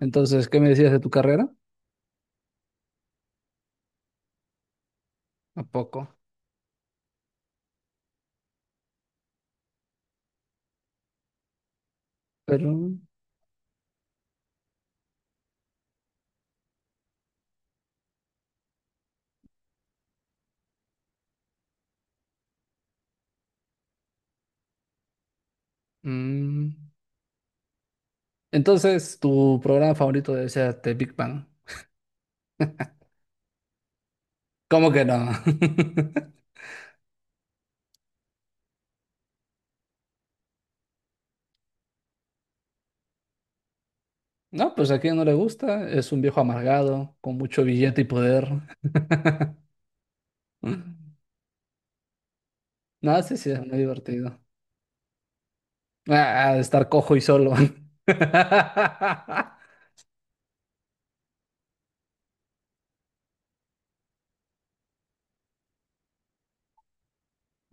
Entonces, ¿qué me decías de tu carrera? ¿A poco? Pero... mm, entonces, tu programa favorito debe ser The Big Bang. ¿Cómo que no? No, pues a quien no le gusta, es un viejo amargado, con mucho billete y poder. No, sí, sí, es muy divertido. Ah, ah, estar cojo y solo.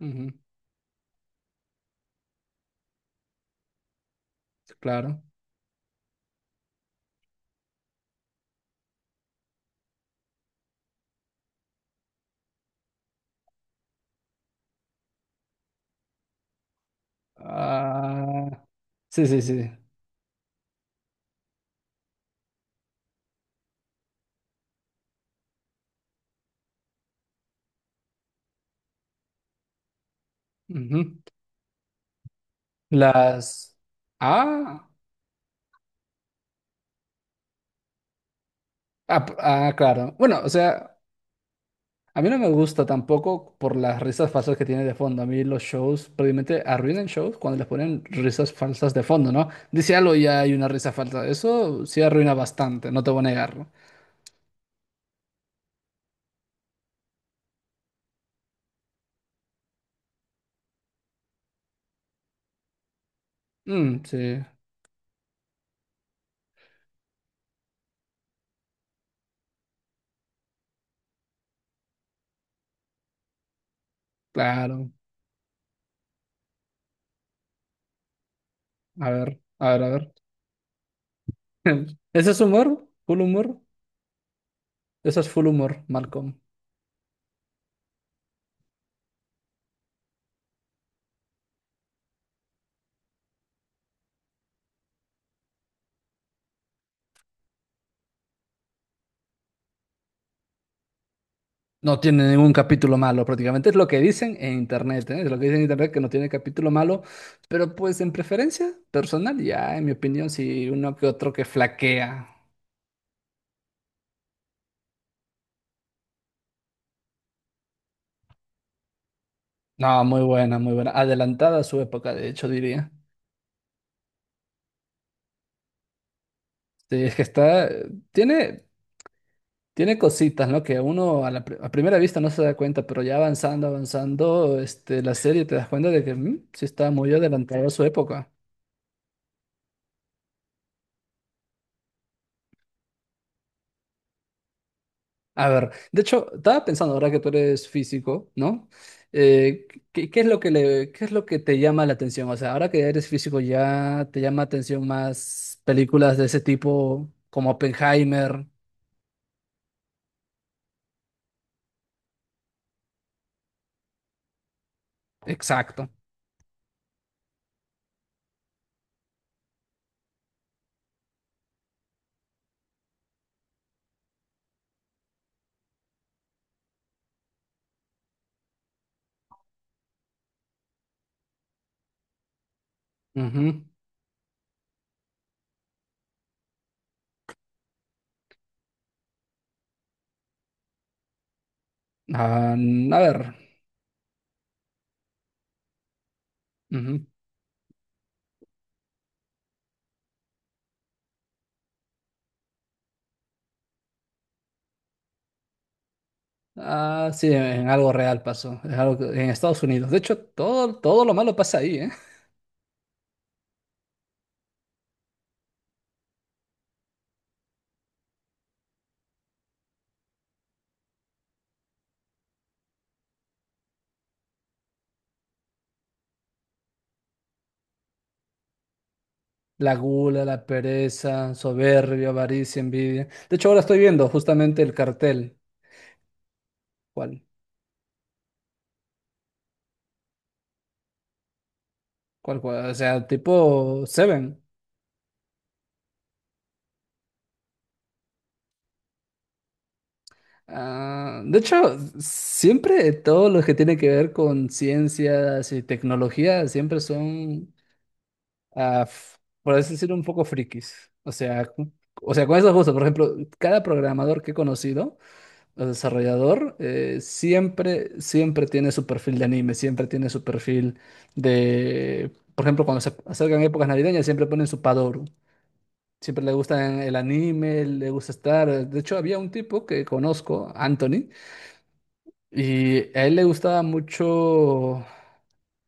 Ujú, sí, claro. Ah, sí, sí, sí. Ujú. Las... Ah, ah, claro. Bueno, o sea, a mí no me gusta tampoco por las risas falsas que tiene de fondo. A mí los shows probablemente arruinan shows cuando les ponen risas falsas de fondo, ¿no? Dice algo y ya hay una risa falsa. Eso sí arruina bastante, no te voy a negarlo. Mm, sí, claro. A ver, a ver, a ver. ¿Ese es humor? ¿Full humor? Eso es full humor, Malcolm. No tiene ningún capítulo malo, prácticamente. Es lo que dicen en internet, ¿eh? Es lo que dicen en internet que no tiene capítulo malo. Pero pues en preferencia personal, ya, en mi opinión, sí uno que otro que flaquea. No, muy buena, muy buena. Adelantada a su época, de hecho, diría. Sí, es que está, tiene, tiene cositas, ¿no? Que uno a a primera vista no se da cuenta, pero ya avanzando, avanzando, este, la serie te das cuenta de que sí está muy adelantada a su época. A ver, de hecho, estaba pensando ahora que tú eres físico, ¿no? Eh, ¿Qué, qué es lo que le, qué es lo que te llama la atención? O sea, ahora que eres físico, ¿ya te llama atención más películas de ese tipo como Oppenheimer? Exacto. Ujú. Ah, a ver. Ujú. Ah, sí, en algo real pasó. Es algo que- en Estados Unidos. De hecho, todo, todo lo malo pasa ahí, ¿eh? La gula, la pereza, soberbia, avaricia, envidia. De hecho, ahora estoy viendo justamente el cartel. ¿Cuál? ¿Cuál, cuál? O sea, tipo Seven. Ah, de hecho, siempre todo lo que tiene que ver con ciencias y tecnología siempre son ah, f- por así decirlo, un poco frikis. O sea, o sea, con esos gustos, por ejemplo, cada programador que he conocido, o desarrollador, siempre, siempre tiene su perfil de anime, siempre tiene su perfil de, por ejemplo, cuando se acercan épocas navideñas, siempre ponen su Padoru. Siempre le gusta el anime, le gusta estar. De hecho, había un tipo que conozco, Anthony, y a él le gustaba mucho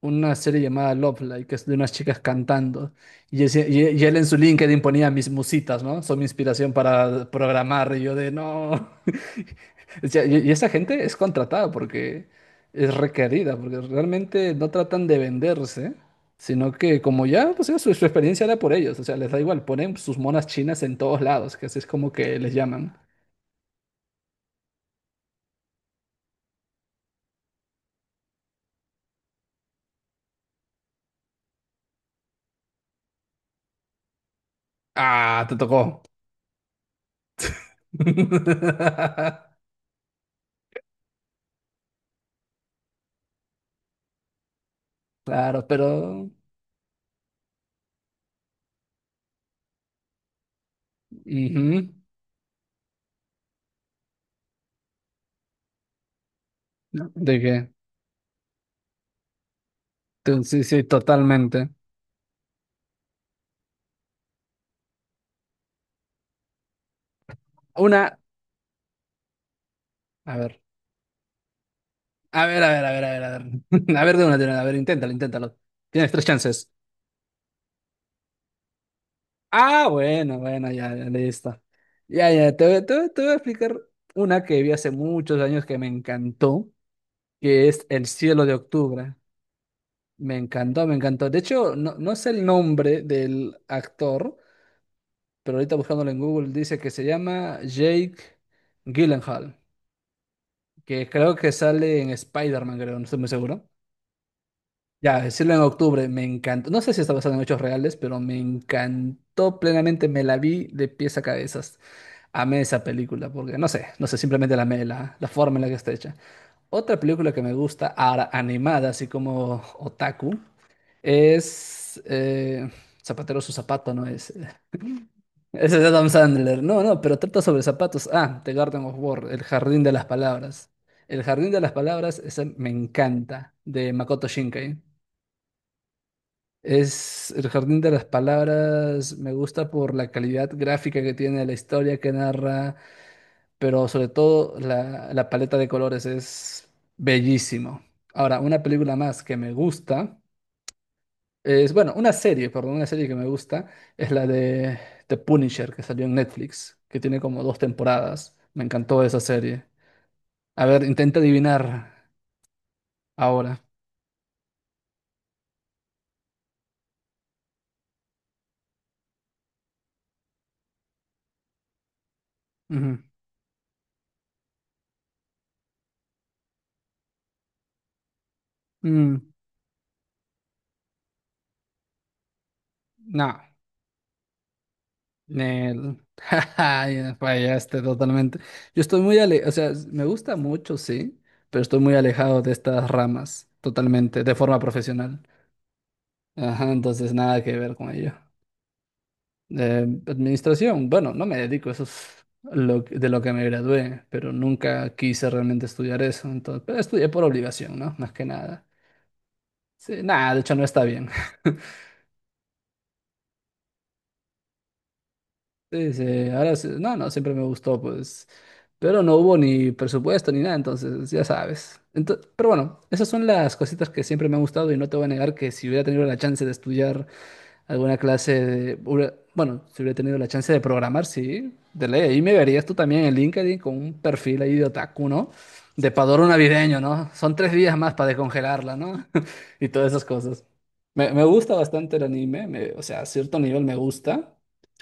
una serie llamada Love Live, que es de unas chicas cantando. Y él en su LinkedIn ponía mis musitas, ¿no? Son mi inspiración para programar. Y yo de no. O sea, y esa gente es contratada porque es requerida, porque realmente no tratan de venderse, sino que como ya, pues ya su experiencia era por ellos. O sea, les da igual, ponen sus monas chinas en todos lados, que así es como que les llaman. Ah, te tocó. Claro, pero... ujú. ¿De qué? Sí, sí, totalmente. Una, a ver, a ver, a ver, a ver, a ver, a ver. A ver de una, a ver, inténtalo, inténtalo. Tienes tres chances. Ah, bueno, bueno, ya, ya, listo. Ya, ya, te voy a explicar una que vi hace muchos años que me encantó, que es El cielo de octubre. Me encantó, me encantó. De hecho, no, no sé el nombre del actor, pero ahorita buscándolo en Google dice que se llama Jake Gyllenhaal, que creo que sale en Spider-Man, creo, no estoy muy seguro. Ya, decirlo en octubre, me encantó. No sé si está basado en hechos reales, pero me encantó plenamente. Me la vi de pies a cabezas. Amé esa película, porque no sé, no sé, simplemente la amé, la forma en la que está hecha. Otra película que me gusta, ahora animada, así como Otaku, es Zapatero a su zapato, no es. Ese es Adam Sandler. No, no, pero trata sobre zapatos. Ah, The Garden of War, El Jardín de las Palabras. El Jardín de las Palabras, ese me encanta, de Makoto Shinkai. Es El Jardín de las Palabras, me gusta por la calidad gráfica que tiene, la historia que narra, pero sobre todo la paleta de colores es bellísimo. Ahora, una película más que me gusta es, bueno, una serie, perdón, una serie que me gusta es la de The Punisher que salió en Netflix, que tiene como dos temporadas. Me encantó esa serie. A ver, intenta adivinar ahora. Ujú. Mm, no. Nel. Ay, fallaste totalmente. Yo estoy muy ale o sea, me gusta mucho, sí, pero estoy muy alejado de estas ramas, totalmente, de forma profesional. Ajá, entonces nada que ver con ello. Administración, bueno, no me dedico, eso es lo, de lo que me gradué, pero nunca quise realmente estudiar eso, entonces, pero estudié por obligación, ¿no? Más que nada. Sí, nada, de hecho no está bien. Sí, sí, no, no, siempre me gustó, pues, pero no hubo ni presupuesto ni nada, entonces, ya sabes. Pero bueno, esas son las cositas que siempre me han gustado y no te voy a negar que si hubiera tenido la chance de estudiar alguna clase de... Bueno, si hubiera tenido la chance de programar, sí, de ley. Ahí me verías tú también en LinkedIn con un perfil ahí de otaku, ¿no? De padoro navideño, ¿no? Son tres días más para descongelarla, ¿no? Y todas esas cosas. Me gusta bastante el anime, o sea, a cierto nivel me gusta.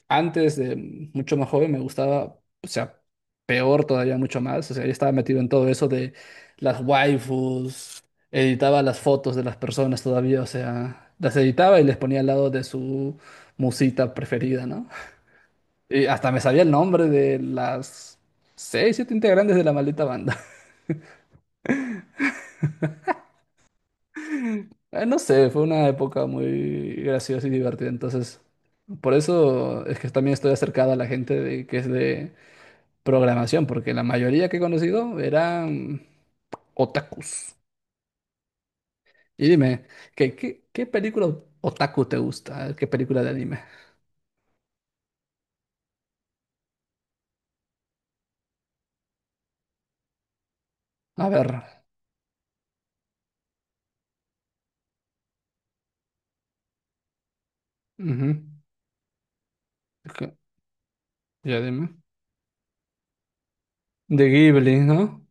Antes de mucho más joven me gustaba, o sea, peor todavía mucho más. O sea, yo estaba metido en todo eso de las waifus, editaba las fotos de las personas todavía, o sea, las editaba y les ponía al lado de su musita preferida, ¿no? Y hasta me sabía el nombre de las seis, siete integrantes de la maldita banda. No sé, fue una época muy graciosa y divertida, entonces por eso es que también estoy acercado a la gente de, que es de programación, porque la mayoría que he conocido eran otakus. Y dime, ¿qué, qué, qué película otaku te gusta? ¿Qué película de anime? A ver. Ujú. Ok, ya dime. De Ghibli, ¿no?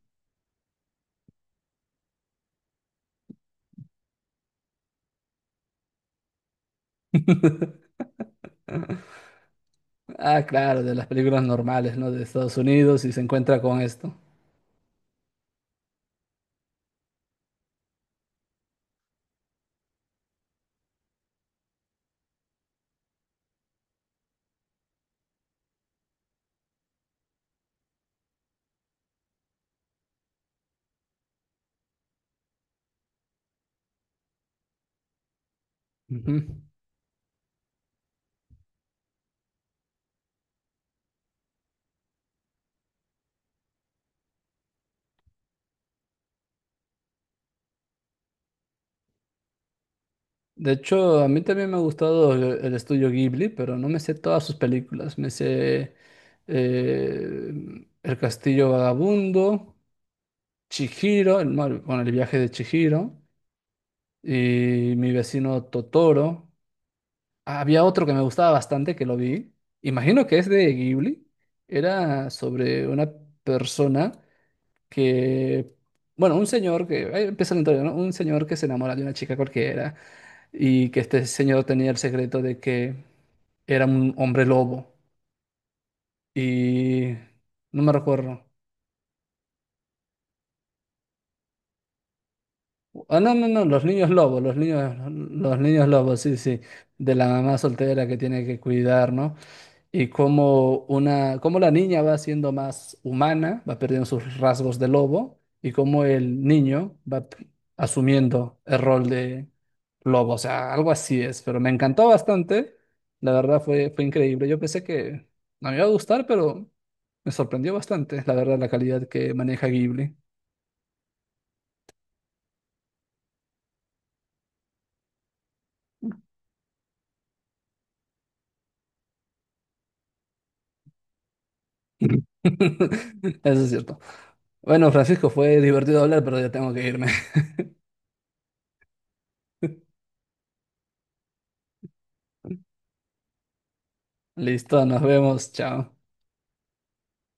Ah, claro, de las películas normales, ¿no? De Estados Unidos y se encuentra con esto. Ujú. De hecho, a mí también me ha gustado el estudio Ghibli, pero no me sé todas sus películas. Me sé El Castillo Vagabundo, Chihiro, bueno, el viaje de Chihiro y Mi vecino Totoro. Había otro que me gustaba bastante que lo vi. Imagino que es de Ghibli. Era sobre una persona que, bueno, un señor que, ahí empieza la historia, ¿no? Un señor que se enamora de una chica cualquiera y que este señor tenía el secreto de que era un hombre lobo y no me recuerdo. Ah, no, no, no, los niños lobos, sí, sí, de la mamá soltera que tiene que cuidar, ¿no? Y cómo una, cómo la niña va siendo más humana, va perdiendo sus rasgos de lobo y cómo el niño asumiendo el rol de lobo, o sea, algo así es, pero me encantó bastante, la verdad fue, fue increíble, yo pensé que no me iba a gustar, pero me sorprendió bastante, la verdad, la calidad que maneja Ghibli. Eso es cierto. Bueno, Francisco, fue divertido hablar, pero ya tengo que irme. Listo, nos vemos, chao.